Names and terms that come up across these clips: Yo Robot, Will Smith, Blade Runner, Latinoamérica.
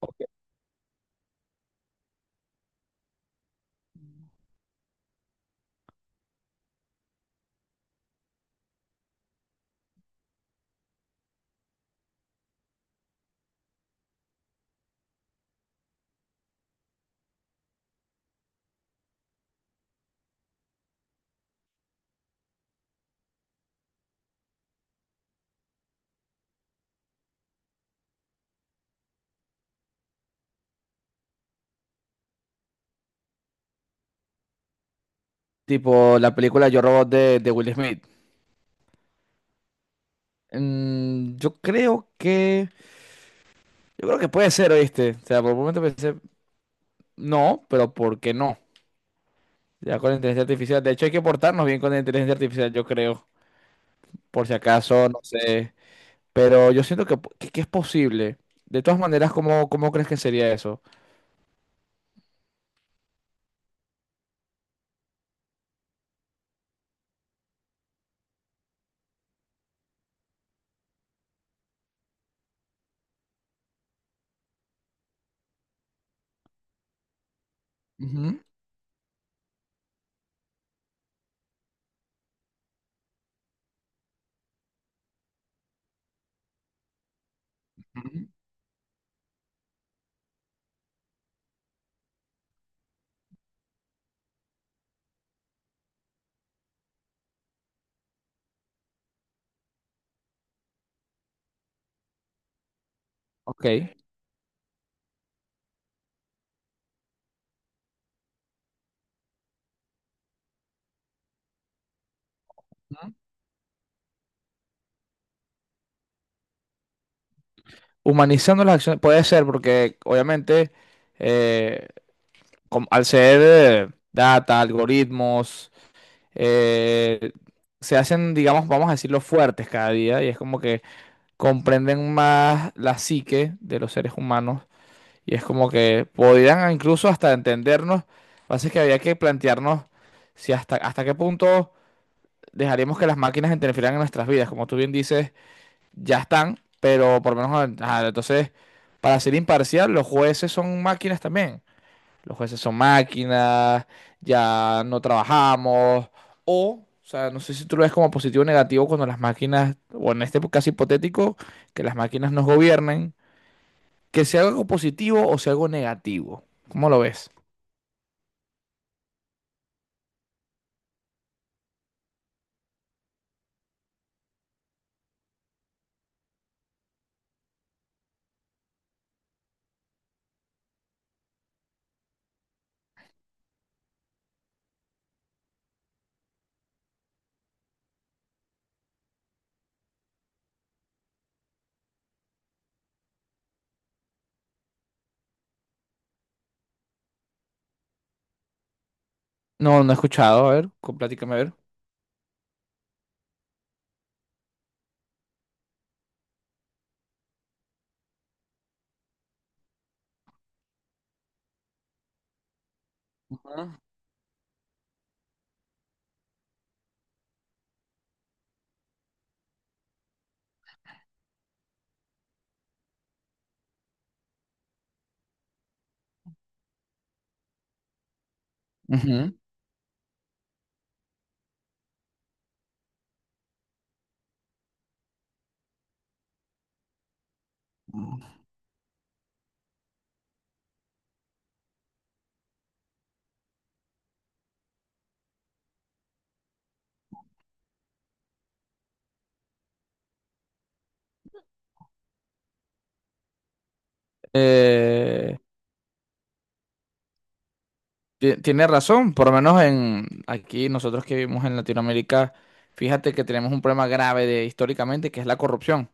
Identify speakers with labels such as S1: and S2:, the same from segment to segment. S1: Ok. Tipo la película Yo Robot de Will Smith. Mm, yo creo que. Yo creo que puede ser, ¿oíste? O sea, por un momento pensé, no, pero ¿por qué no? Ya con la inteligencia artificial. De hecho, hay que portarnos bien con la inteligencia artificial, yo creo. Por si acaso, no sé. Pero yo siento que es posible. De todas maneras, cómo crees que sería eso? Ujú, ujú, ok. Humanizando las acciones. Puede ser, porque obviamente, eh, al ser data, algoritmos, eh, se hacen, digamos, vamos a decirlo, fuertes cada día y es como que comprenden más la psique de los seres humanos y es como que podrían incluso hasta entendernos. Lo que pasa es que había que plantearnos si hasta qué punto dejaríamos que las máquinas interfieran en nuestras vidas. Como tú bien dices, ya están, pero por lo menos, ah, entonces, para ser imparcial, los jueces son máquinas también. Los jueces son máquinas, ya no trabajamos. O sea, no sé si tú lo ves como positivo o negativo cuando las máquinas, o en este caso hipotético, que las máquinas nos gobiernen, que sea algo positivo o sea algo negativo. ¿Cómo lo ves? No, no he escuchado. A ver, platícame a ver. Ujú. Eh, Tiene razón, por lo menos en aquí nosotros que vivimos en Latinoamérica, fíjate que tenemos un problema grave de, históricamente, que es la corrupción.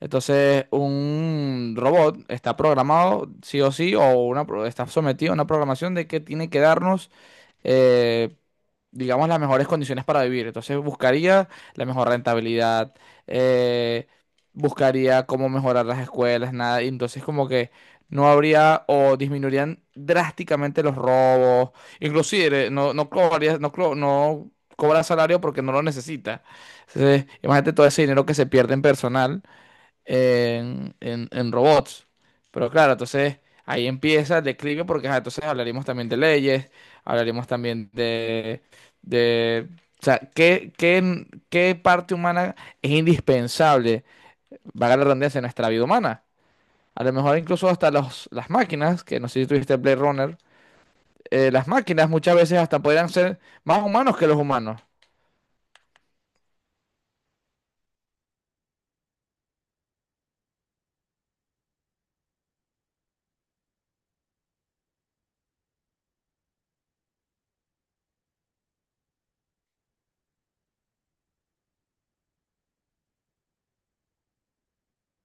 S1: Entonces, un robot está programado, sí o sí, o una, está sometido a una programación de que tiene que darnos, eh, digamos, las mejores condiciones para vivir. Entonces, buscaría la mejor rentabilidad, eh, buscaría cómo mejorar las escuelas, nada. Y entonces, como que no habría o disminuirían drásticamente los robos. Inclusive, no, no cobraría, no, no cobra salario porque no lo necesita. Entonces, imagínate todo ese dinero que se pierde en personal en, en robots. Pero claro, entonces ahí empieza el declive porque ajá, entonces hablaríamos también de leyes, hablaríamos también de, o sea, qué parte humana es indispensable, valga la redundancia, en nuestra vida humana? A lo mejor incluso hasta los, las máquinas, que no sé si tuviste Blade Runner, las máquinas muchas veces hasta podrían ser más humanos que los humanos.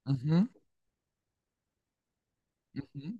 S1: Ujú, ujú,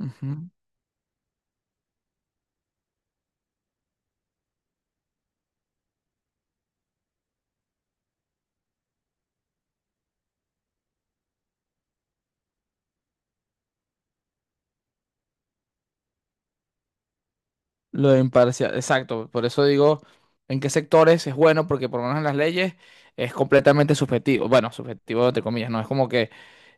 S1: ujú. Lo de imparcial, exacto. Por eso digo en qué sectores es bueno, porque por lo menos en las leyes es completamente subjetivo. Bueno, subjetivo entre comillas, no es como que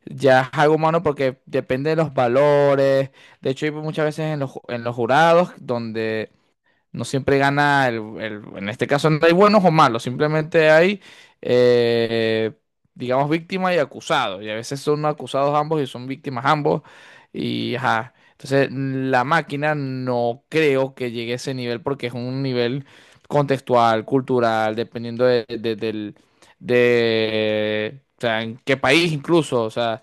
S1: ya es algo humano porque depende de los valores. De hecho, hay muchas veces en los, en los jurados donde no siempre gana en este caso no hay buenos o malos, simplemente hay, eh, digamos, víctima y acusado. Y a veces son acusados ambos y son víctimas ambos. Y ajá. Entonces, la máquina no creo que llegue a ese nivel porque es un nivel contextual, cultural, dependiendo del, de, o sea, en qué país incluso. O sea,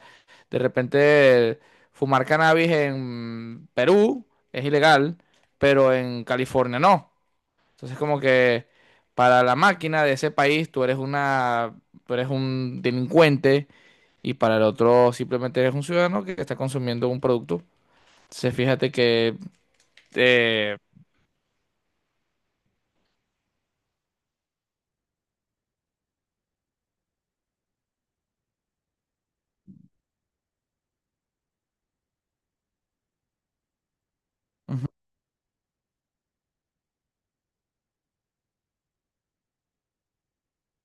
S1: de repente fumar cannabis en Perú es ilegal pero en California no. Entonces como que para la máquina de ese país tú eres una, tú eres un delincuente y para el otro simplemente eres un ciudadano que está consumiendo un producto. Entonces fíjate que eh, ujú,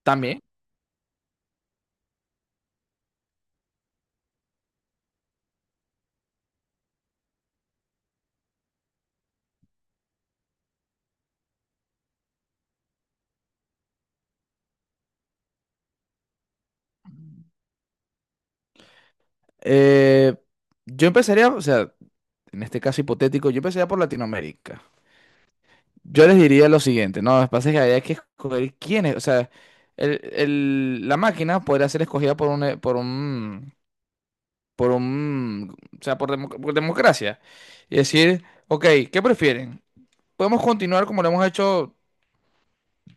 S1: también eh, yo empezaría, o sea, en este caso hipotético, yo empezaría por Latinoamérica. Yo les diría lo siguiente, no, lo que pasa es que hay que escoger quiénes, o sea, la máquina podría ser escogida o sea, por, por democracia. Y decir, ok, ¿qué prefieren? ¿Podemos continuar como lo hemos hecho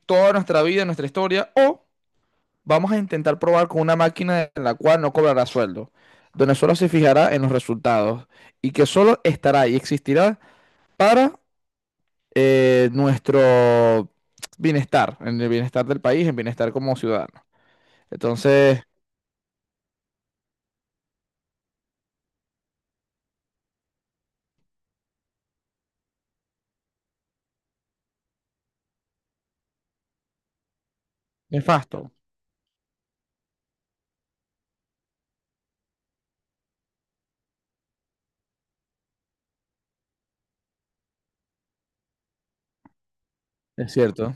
S1: toda nuestra vida, nuestra historia, o vamos a intentar probar con una máquina en la cual no cobrará sueldo, donde solo se fijará en los resultados y que solo estará y existirá para nuestro bienestar, en el bienestar del país, en bienestar como ciudadano? Entonces, nefasto, es cierto,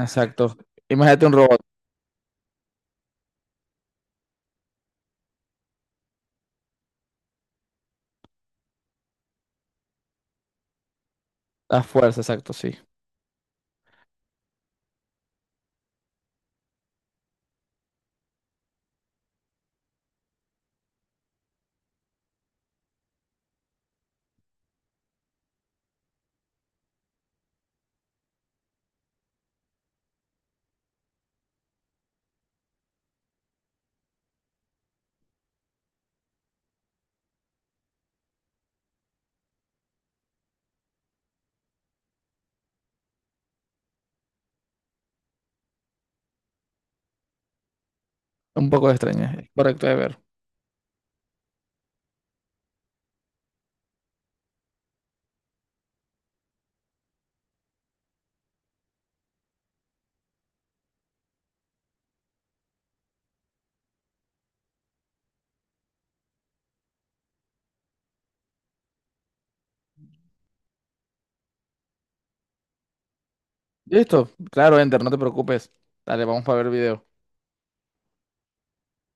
S1: exacto. Imagínate un robot, a fuerza, exacto, sí. Un poco extraña, es correcto de ver. Listo, claro, Enter, no te preocupes. Dale, vamos para ver video.